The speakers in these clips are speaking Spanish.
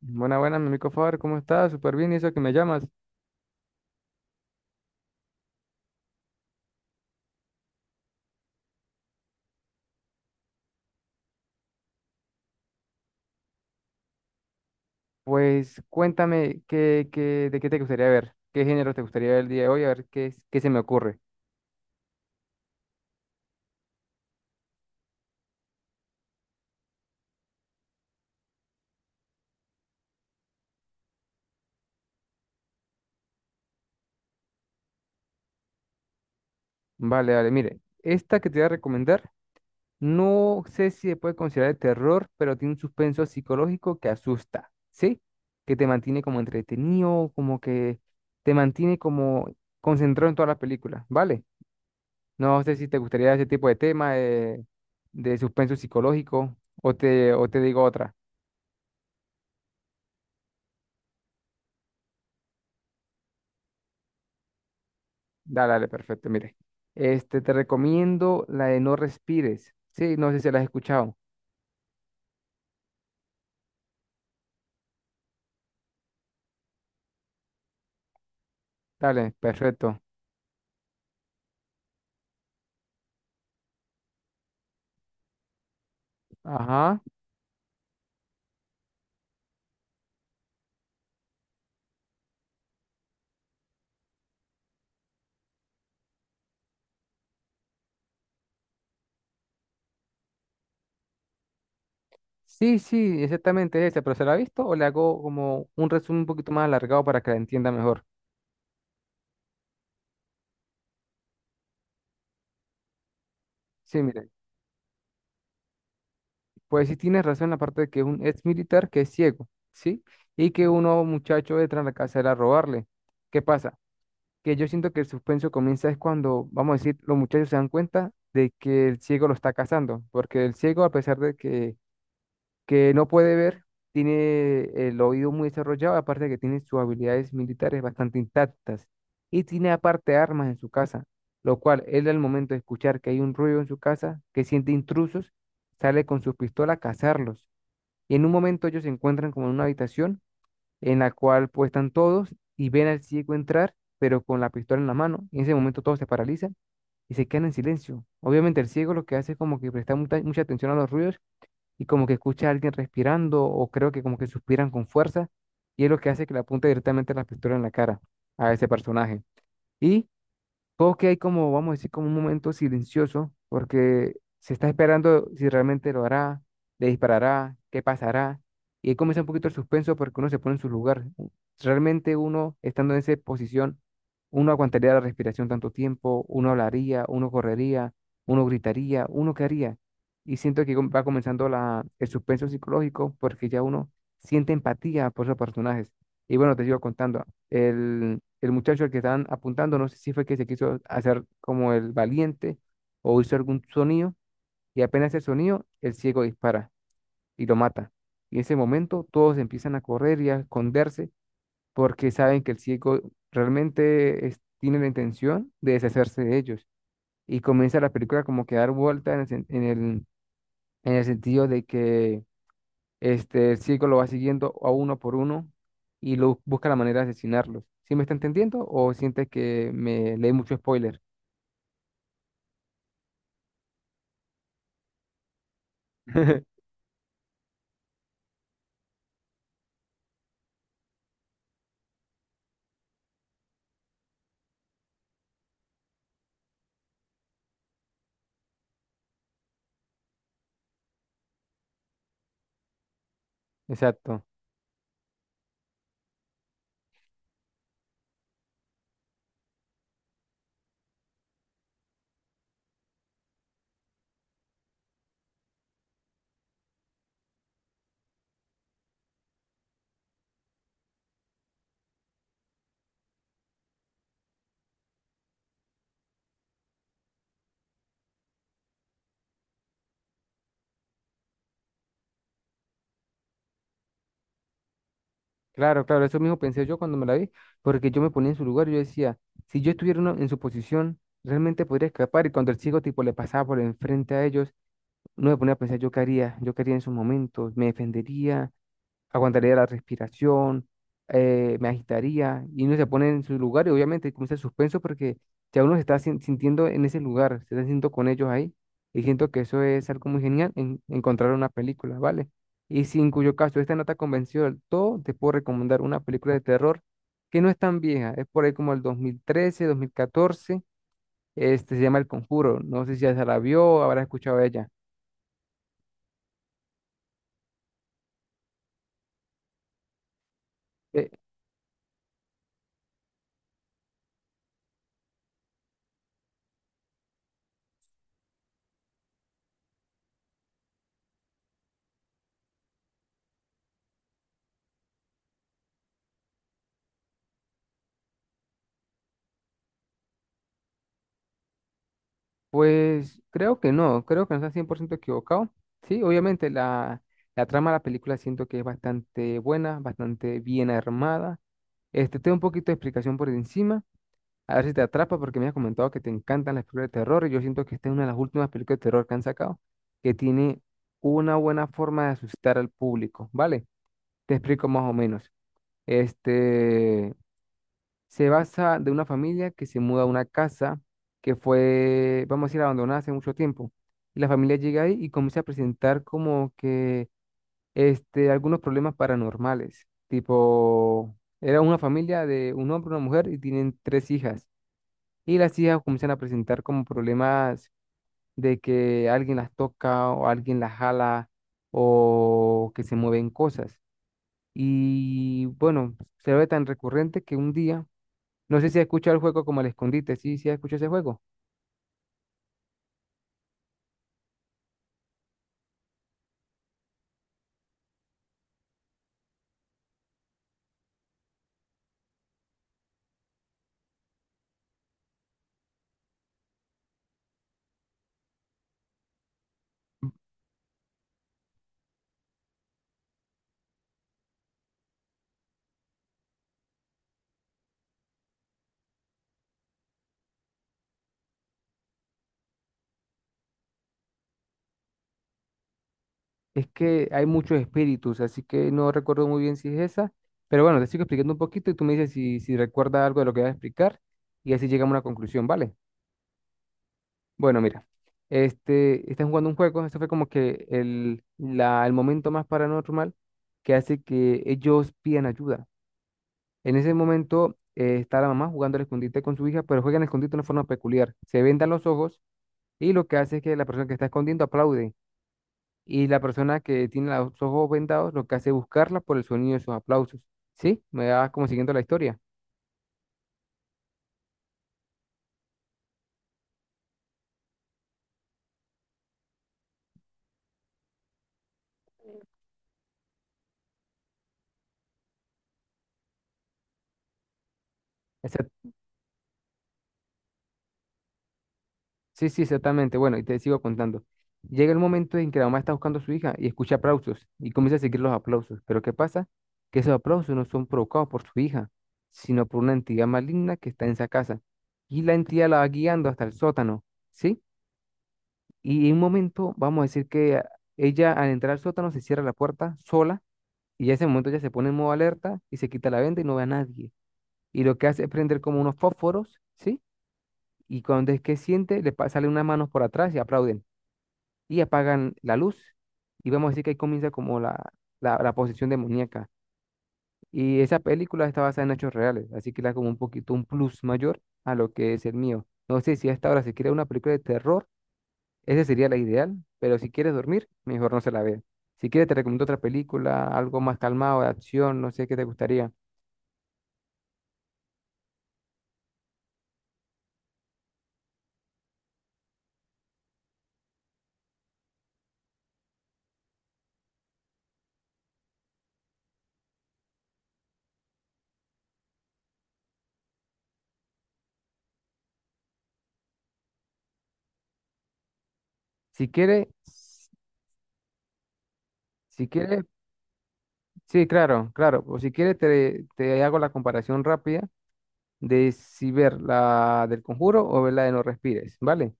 Buena, buena, mi amigo Faber, ¿cómo estás? Súper bien, ¿y eso que me llamas? Pues cuéntame de qué te gustaría ver, qué género te gustaría ver el día de hoy, a ver qué se me ocurre. Vale, vale, mire, esta que te voy a recomendar, no sé si se puede considerar de terror, pero tiene un suspenso psicológico que asusta, ¿sí? Que te mantiene como entretenido, como que te mantiene como concentrado en toda la película, ¿vale? No sé si te gustaría ese tipo de tema de suspenso psicológico o te digo otra. Dale, dale, perfecto. Mire, este, te recomiendo la de No Respires. Sí, no sé si la has escuchado. Dale, perfecto. Ajá. Sí, sí, exactamente es esa, pero ¿se la ha visto o le hago como un resumen un poquito más alargado para que la entienda mejor? Sí, mire, pues sí tienes razón en la parte de que es un ex militar que es ciego, ¿sí? Y que unos muchachos entran a la casa de él a robarle. ¿Qué pasa? Que yo siento que el suspenso comienza es cuando, vamos a decir, los muchachos se dan cuenta de que el ciego lo está cazando, porque el ciego, a pesar de que no puede ver, tiene el oído muy desarrollado, aparte de que tiene sus habilidades militares bastante intactas y tiene aparte armas en su casa, lo cual él al momento de escuchar que hay un ruido en su casa, que siente intrusos, sale con su pistola a cazarlos. Y en un momento ellos se encuentran como en una habitación en la cual pues están todos y ven al ciego entrar, pero con la pistola en la mano. Y en ese momento todos se paralizan y se quedan en silencio. Obviamente el ciego lo que hace es como que presta mucha mucha atención a los ruidos y como que escucha a alguien respirando o creo que como que suspiran con fuerza y es lo que hace que le apunte directamente la pistola en la cara a ese personaje. Y juegos que hay como, vamos a decir, como un momento silencioso, porque se está esperando si realmente lo hará, le disparará, qué pasará. Y ahí comienza un poquito el suspenso porque uno se pone en su lugar. Realmente uno, estando en esa posición, uno aguantaría la respiración tanto tiempo, uno hablaría, uno correría, uno gritaría, uno qué haría. Y siento que va comenzando la, el suspenso psicológico porque ya uno siente empatía por esos personajes. Y bueno, te sigo contando. El muchacho al que estaban apuntando, no sé si fue que se quiso hacer como el valiente o hizo algún sonido y apenas el sonido, el ciego dispara y lo mata. Y en ese momento todos empiezan a correr y a esconderse porque saben que el ciego realmente tiene la intención de deshacerse de ellos. Y comienza la película como que a dar vuelta en el, sen- en el sentido de que este, el circo lo va siguiendo a uno por uno y lo busca la manera de asesinarlos. ¿Sí me está entendiendo o sientes que me leí mucho spoiler? Exacto. Claro, claro, eso mismo pensé yo cuando me la vi, porque yo me ponía en su lugar y yo decía, si yo estuviera en su posición, realmente podría escapar. Y cuando el chico tipo le pasaba por enfrente a ellos, no me ponía a pensar yo qué haría en esos momentos, me defendería, aguantaría la respiración, me agitaría y uno se pone en su lugar y obviamente comienza el suspenso porque ya uno se está sintiendo en ese lugar, se está sintiendo con ellos ahí y siento que eso es algo muy genial en encontrar una película, ¿vale? Y si en cuyo caso esta no te ha convencido del todo, te puedo recomendar una película de terror que no es tan vieja, es por ahí como el 2013, 2014. Este se llama El Conjuro, no sé si ya se la vio, habrá escuchado de ella. Eh, Pues creo que no está 100% equivocado. Sí, obviamente la trama de la película siento que es bastante buena, bastante bien armada. Este, tengo un poquito de explicación por encima, a ver si te atrapa porque me has comentado que te encantan las películas de terror y yo siento que esta es una de las últimas películas de terror que han sacado que tiene una buena forma de asustar al público, ¿vale? Te explico más o menos. Este, se basa de una familia que se muda a una casa que fue, vamos a decir, abandonada hace mucho tiempo. Y la familia llega ahí y comienza a presentar como que este, algunos problemas paranormales. Tipo, era una familia de un hombre, una mujer y tienen tres hijas. Y las hijas comienzan a presentar como problemas de que alguien las toca o alguien las jala o que se mueven cosas. Y bueno, se ve tan recurrente que un día no sé si has escuchado el juego como el escondite, sí, sí has escuchado ese juego. Es que hay muchos espíritus, así que no recuerdo muy bien si es esa, pero bueno, te sigo explicando un poquito y tú me dices si recuerdas algo de lo que voy a explicar y así llegamos a una conclusión, ¿vale? Bueno, mira, este, están jugando un juego, esto fue como que el momento más paranormal que hace que ellos pidan ayuda. En ese momento está la mamá jugando al escondite con su hija, pero juegan al escondite de una forma peculiar. Se vendan los ojos y lo que hace es que la persona que está escondiendo aplaude y la persona que tiene los ojos vendados lo que hace es buscarla por el sonido de sus aplausos. ¿Sí? Me va como siguiendo la historia. Exact- sí, sí, exactamente. Bueno, y te sigo contando. Llega el momento en que la mamá está buscando a su hija y escucha aplausos y comienza a seguir los aplausos. Pero ¿qué pasa? Que esos aplausos no son provocados por su hija, sino por una entidad maligna que está en esa casa. Y la entidad la va guiando hasta el sótano, ¿sí? Y en un momento, vamos a decir que ella al entrar al sótano se cierra la puerta sola. Y ya ese momento ya se pone en modo alerta y se quita la venda y no ve a nadie. Y lo que hace es prender como unos fósforos, ¿sí? Y cuando es que siente, salen unas manos por atrás y aplauden. Y apagan la luz. Y vamos a decir que ahí comienza como la posesión demoníaca. Y esa película está basada en hechos reales, así que le da como un poquito un plus mayor a lo que es el mío. No sé si hasta ahora se quiere una película de terror, esa sería la ideal, pero si quieres dormir, mejor no se la vea. Si quieres, te recomiendo otra película, algo más calmado, de acción, no sé qué te gustaría. Si quiere, si quiere, sí, claro, claro. O si quiere, te hago la comparación rápida de si ver la del Conjuro o ver la de No Respires, ¿vale?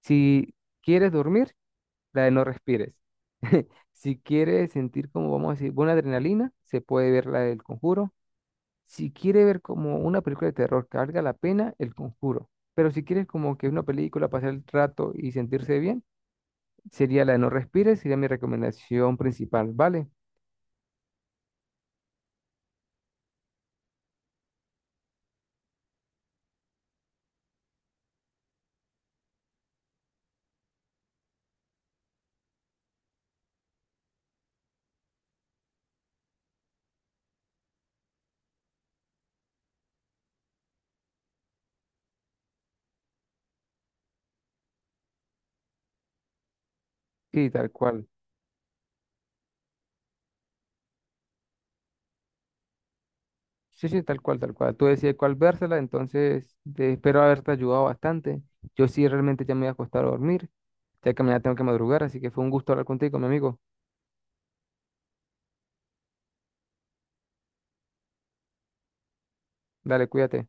Si quieres dormir, la de No Respires. Si quieres sentir como, vamos a decir, buena adrenalina, se puede ver la del Conjuro. Si quiere ver como una película de terror que valga la pena, el Conjuro. Pero si quieres como que una película, pasar el rato y sentirse bien, sería la de No Respires, sería mi recomendación principal, ¿vale? Sí, tal cual. Sí, sí, tal cual, tal cual. Tú decides cuál vérsela, entonces te espero haberte ayudado bastante. Yo sí realmente ya me voy a acostar a dormir, ya que mañana tengo que madrugar, así que fue un gusto hablar contigo, mi amigo. Dale, cuídate.